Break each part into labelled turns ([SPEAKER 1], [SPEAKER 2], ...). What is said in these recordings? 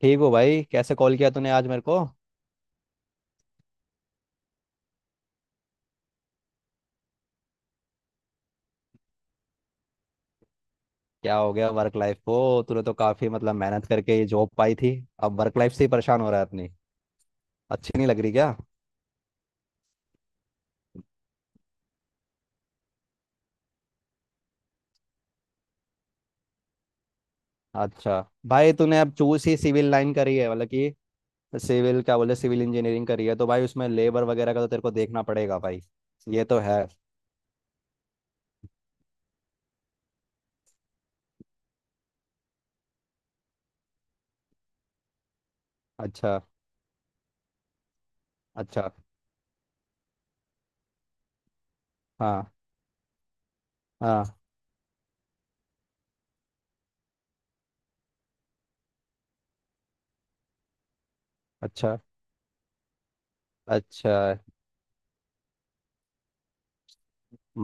[SPEAKER 1] ठीक हो भाई? कैसे कॉल किया तूने आज मेरे को? क्या हो गया वर्क लाइफ को? तूने तो काफी मतलब मेहनत करके ये जॉब पाई थी। अब वर्क लाइफ से ही परेशान हो रहा है अपनी। अच्छी नहीं लग रही क्या? अच्छा। भाई तूने अब चूज ही सिविल लाइन करी है, मतलब कि सिविल क्या बोले, सिविल इंजीनियरिंग करी है, तो भाई उसमें लेबर वगैरह का तो तेरे को देखना पड़ेगा भाई। ये तो है। अच्छा। अच्छा। हाँ हाँ। अच्छा। अच्छा।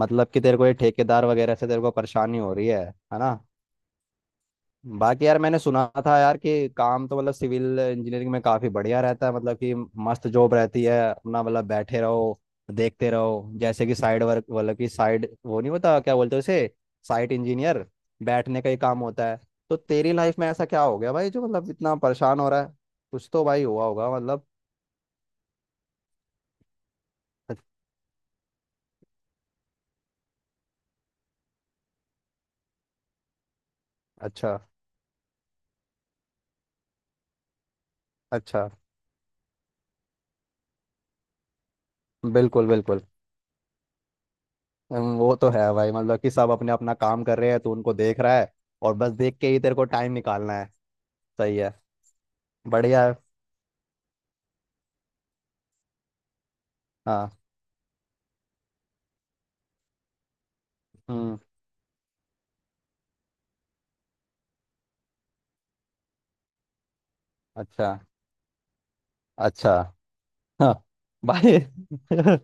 [SPEAKER 1] मतलब कि तेरे को ये ठेकेदार वगैरह से तेरे को परेशानी हो रही है ना? बाकी यार मैंने सुना था यार कि काम तो मतलब सिविल इंजीनियरिंग में काफी बढ़िया रहता है। मतलब कि मस्त जॉब रहती है, अपना मतलब बैठे रहो, देखते रहो। जैसे कि साइड वर्क, मतलब कि साइड वो नहीं होता, क्या बोलते हैं उसे, साइट इंजीनियर। बैठने का ही काम होता है। तो तेरी लाइफ में ऐसा क्या हो गया भाई जो मतलब इतना परेशान हो रहा है? कुछ तो भाई हुआ होगा मतलब। अच- अच्छा। अच्छा। बिल्कुल बिल्कुल। वो तो है भाई। मतलब कि सब अपने अपना काम कर रहे हैं तो उनको देख रहा है और बस देख के ही तेरे को टाइम निकालना है। सही है। बढ़िया है। हाँ। हम्म। अच्छा। अच्छा। हाँ भाई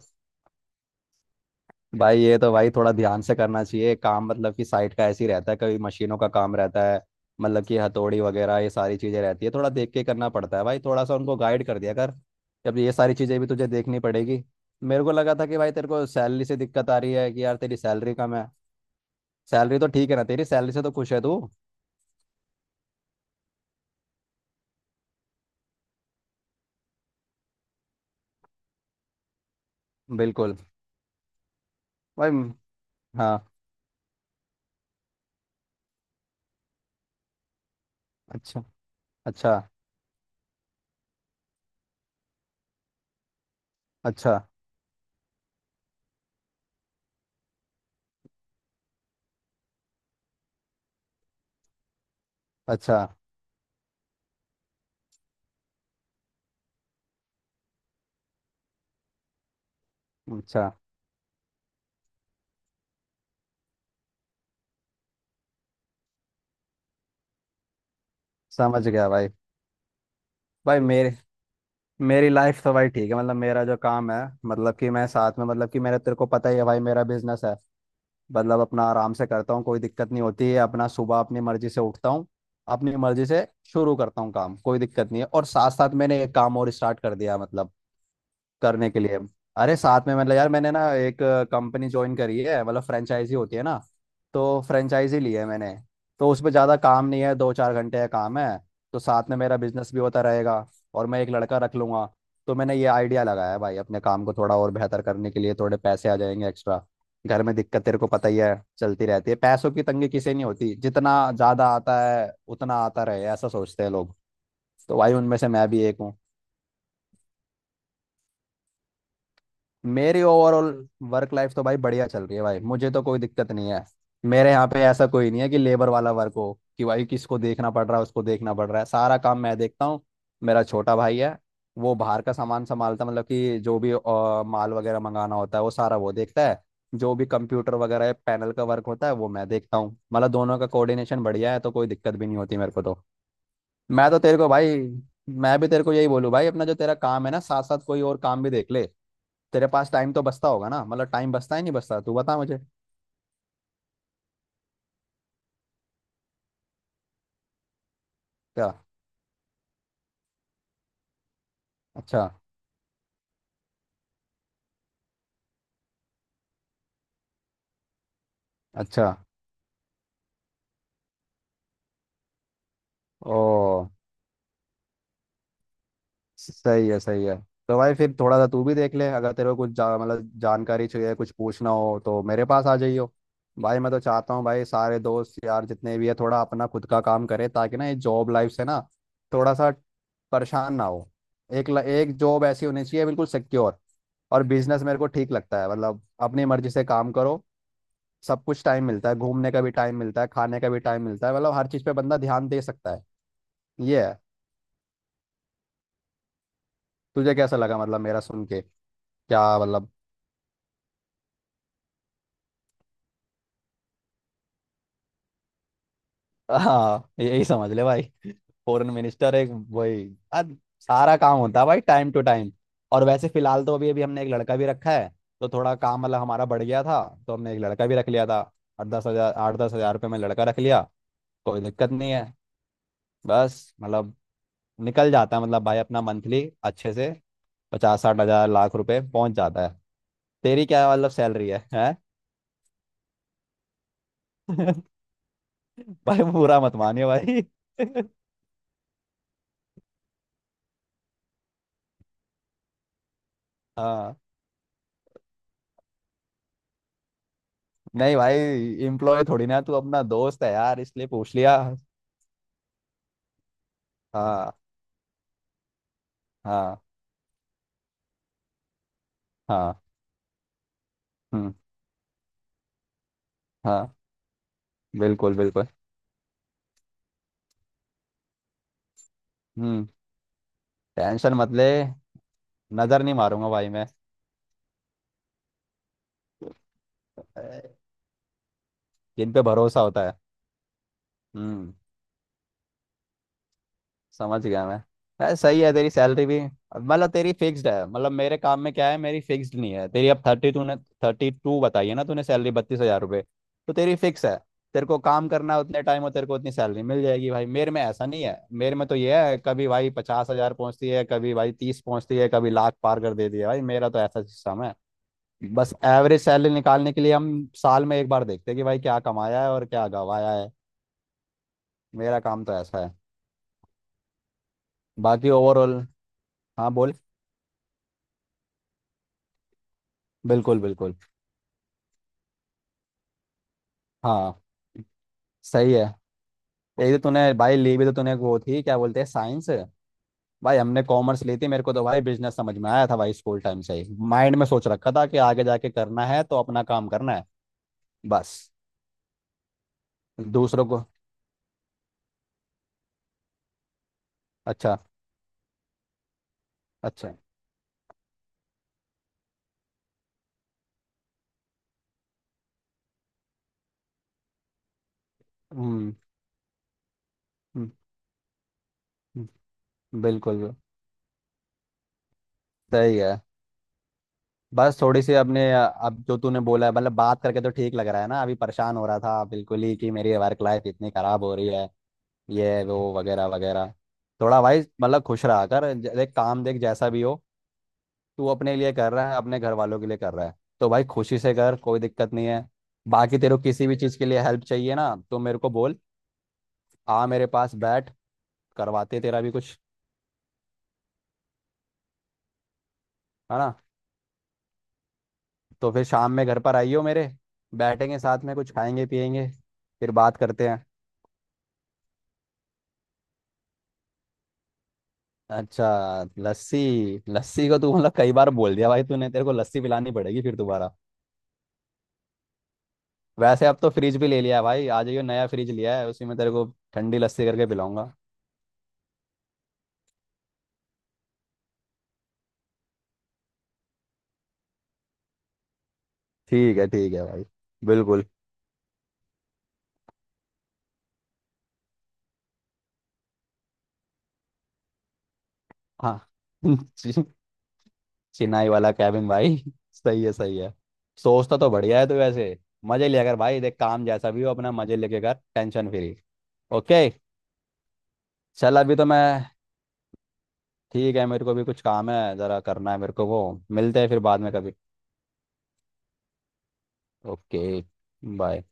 [SPEAKER 1] भाई ये तो भाई थोड़ा ध्यान से करना चाहिए काम। मतलब कि साइट का ऐसे ही रहता है, कभी मशीनों का काम रहता है, मतलब कि हथौड़ी वगैरह ये सारी चीज़ें रहती है, थोड़ा देख के करना पड़ता है भाई। थोड़ा सा उनको गाइड कर दिया कर। जब ये सारी चीज़ें भी तुझे देखनी पड़ेगी। मेरे को लगा था कि भाई तेरे को सैलरी से दिक्कत आ रही है, कि यार तेरी सैलरी कम है। सैलरी तो ठीक है ना? तेरी सैलरी से तो खुश है तू? बिल्कुल। भाई। हाँ। अच्छा। अच्छा। अच्छा। अच्छा। अच्छा। समझ गया भाई। भाई मेरे, मेरी लाइफ तो भाई ठीक है। मतलब मेरा जो काम है, मतलब कि मैं साथ में, मतलब कि मेरा तेरे को पता ही है भाई, मेरा बिजनेस है। मतलब अपना आराम से करता हूँ, कोई दिक्कत नहीं होती है। अपना सुबह अपनी मर्जी से उठता हूँ, अपनी मर्जी से शुरू करता हूँ काम, कोई दिक्कत नहीं है। और साथ साथ मैंने एक काम और स्टार्ट कर दिया है, मतलब करने के लिए। अरे साथ में, मतलब यार मैंने ना एक कंपनी ज्वाइन करी है, मतलब फ्रेंचाइजी होती है ना, तो फ्रेंचाइजी ली है मैंने। तो उसमें ज़्यादा काम नहीं है, 2-4 घंटे का काम है। तो साथ में मेरा बिजनेस भी होता रहेगा और मैं एक लड़का रख लूंगा। तो मैंने ये आइडिया लगाया है भाई, अपने काम को थोड़ा और बेहतर करने के लिए। थोड़े पैसे आ जाएंगे एक्स्ट्रा। घर में दिक्कत तेरे को पता ही है, चलती रहती है। पैसों की तंगी किसे नहीं होती। जितना ज़्यादा आता है उतना आता रहे, ऐसा सोचते हैं लोग। तो भाई उनमें से मैं भी एक हूँ। मेरी ओवरऑल वर्क लाइफ तो भाई बढ़िया चल रही है भाई, मुझे तो कोई दिक्कत नहीं है। मेरे यहाँ पे ऐसा कोई नहीं है कि लेबर वाला वर्क हो, कि भाई किसको देखना पड़ रहा है, उसको देखना पड़ रहा है। सारा काम मैं देखता हूँ। मेरा छोटा भाई है, वो बाहर का सामान संभालता है। मतलब कि जो भी माल वगैरह मंगाना होता है वो सारा वो देखता है। जो भी कंप्यूटर वगैरह पैनल का वर्क होता है वो मैं देखता हूँ। मतलब दोनों का कोऑर्डिनेशन बढ़िया है, तो कोई दिक्कत भी नहीं होती मेरे को तो। मैं तो तेरे को भाई, मैं भी तेरे को यही बोलूँ भाई, अपना जो तेरा काम है ना, साथ साथ कोई और काम भी देख ले। तेरे पास टाइम तो बचता होगा ना? मतलब टाइम बचता ही नहीं, बचता? तू बता मुझे। क्या? अच्छा। अच्छा। ओ। सही है सही है। तो भाई फिर थोड़ा सा तू भी देख ले। अगर तेरे को कुछ मतलब जानकारी चाहिए, कुछ पूछना हो तो मेरे पास आ जाइयो। भाई मैं तो चाहता हूँ भाई सारे दोस्त यार जितने भी है, थोड़ा अपना खुद का काम करे, ताकि ना ये जॉब लाइफ से ना थोड़ा सा परेशान ना हो। एक जॉब ऐसी होनी चाहिए बिल्कुल सिक्योर। और बिजनेस मेरे को ठीक लगता है मतलब, अपनी मर्जी से काम करो, सब कुछ टाइम मिलता है, घूमने का भी टाइम मिलता है, खाने का भी टाइम मिलता है। मतलब हर चीज़ पे बंदा ध्यान दे सकता है। ये है। तुझे कैसा लगा, मतलब मेरा सुन के? क्या मतलब? हाँ यही समझ ले भाई। फॉरेन मिनिस्टर एक वही। अब सारा काम होता है भाई टाइम टू टाइम। और वैसे फिलहाल तो अभी अभी हमने एक लड़का भी रखा है। तो थोड़ा काम मतलब हमारा बढ़ गया था, तो हमने एक लड़का भी रख लिया था। आठ दस हजार, 8-10 हजार रुपये में लड़का रख लिया। कोई दिक्कत नहीं है। बस मतलब निकल जाता है, मतलब भाई अपना मंथली अच्छे से 50-60 हजार, लाख रुपए पहुंच जाता है। तेरी क्या मतलब सैलरी है, है? भाई बुरा मत मानियो भाई। हाँ। नहीं भाई, एम्प्लॉय थोड़ी ना तू, अपना दोस्त है यार, इसलिए पूछ लिया। हाँ हाँ हाँ। हम्म। हाँ। बिल्कुल बिल्कुल। हम्म। टेंशन मत ले, नजर नहीं मारूंगा भाई मैं। ए, जिन पे भरोसा होता है। हम्म। समझ गया मैं। अरे सही है तेरी सैलरी भी। मतलब तेरी फिक्स्ड है। मतलब मेरे काम में क्या है, मेरी फिक्स्ड नहीं है। तेरी अब थर्टी तूने, 32 बताई है ना तूने, सैलरी 32 हजार रुपये, तो तेरी फिक्स है। तेरे को काम करना है उतने टाइम और तेरे को उतनी सैलरी मिल जाएगी। भाई मेरे में ऐसा नहीं है। मेरे में तो ये है, कभी भाई 50 हजार पहुंचती है, कभी भाई 30 पहुंचती है, कभी लाख पार कर देती है। भाई मेरा तो ऐसा सिस्टम है। बस एवरेज सैलरी निकालने के लिए हम साल में एक बार देखते हैं कि भाई क्या कमाया है और क्या गवाया है। मेरा काम तो ऐसा है। बाकी ओवरऑल, हाँ बोल। बिल्कुल बिल्कुल। हाँ। सही है। यही तो तूने भाई ली भी, तो तूने वो थी, क्या बोलते हैं, साइंस। भाई हमने कॉमर्स ली थी। मेरे को तो भाई बिजनेस समझ में आया था भाई। स्कूल टाइम से ही माइंड में सोच रखा था कि आगे जाके करना है तो अपना काम करना है, बस। दूसरों को। अच्छा। अच्छा। हम्म हम्म, हम्म, बिल्कुल। सही है। बस थोड़ी सी अपने, अब जो तूने बोला है, मतलब बात करके तो ठीक लग रहा है ना, अभी परेशान हो रहा था बिल्कुल ही कि मेरी वर्क लाइफ इतनी खराब हो रही है, ये वो वगैरह वगैरह। थोड़ा भाई मतलब खुश रहा कर। देख काम, देख जैसा भी हो, तू अपने लिए कर रहा है, अपने घर वालों के लिए कर रहा है, तो भाई खुशी से कर, कोई दिक्कत नहीं है। बाकी तेरे को किसी भी चीज़ के लिए हेल्प चाहिए ना तो मेरे को बोल, आ मेरे पास बैठ, करवाते तेरा भी कुछ, है ना? तो फिर शाम में घर पर आइयो मेरे। बैठेंगे साथ में, कुछ खाएंगे पियेंगे, फिर बात करते हैं। अच्छा, लस्सी। लस्सी को तू मतलब कई बार बोल दिया भाई तूने, तेरे को लस्सी पिलानी पड़ेगी फिर दोबारा। वैसे अब तो फ्रिज भी ले लिया है भाई, आ जाइयो, नया फ्रिज लिया है, उसी में तेरे को ठंडी लस्सी करके पिलाऊंगा। ठीक है भाई। बिल्कुल। हाँ। चि- चिनाई वाला कैबिन भाई सही है सही है। सोचता तो बढ़िया है तू वैसे। मजे लिया कर भाई, देख काम जैसा भी हो अपना मजे लेके कर, टेंशन फ्री। ओके। चल अभी तो मैं, ठीक है, मेरे को भी कुछ काम है जरा, करना है मेरे को वो। मिलते हैं फिर बाद में कभी। ओके। बाय।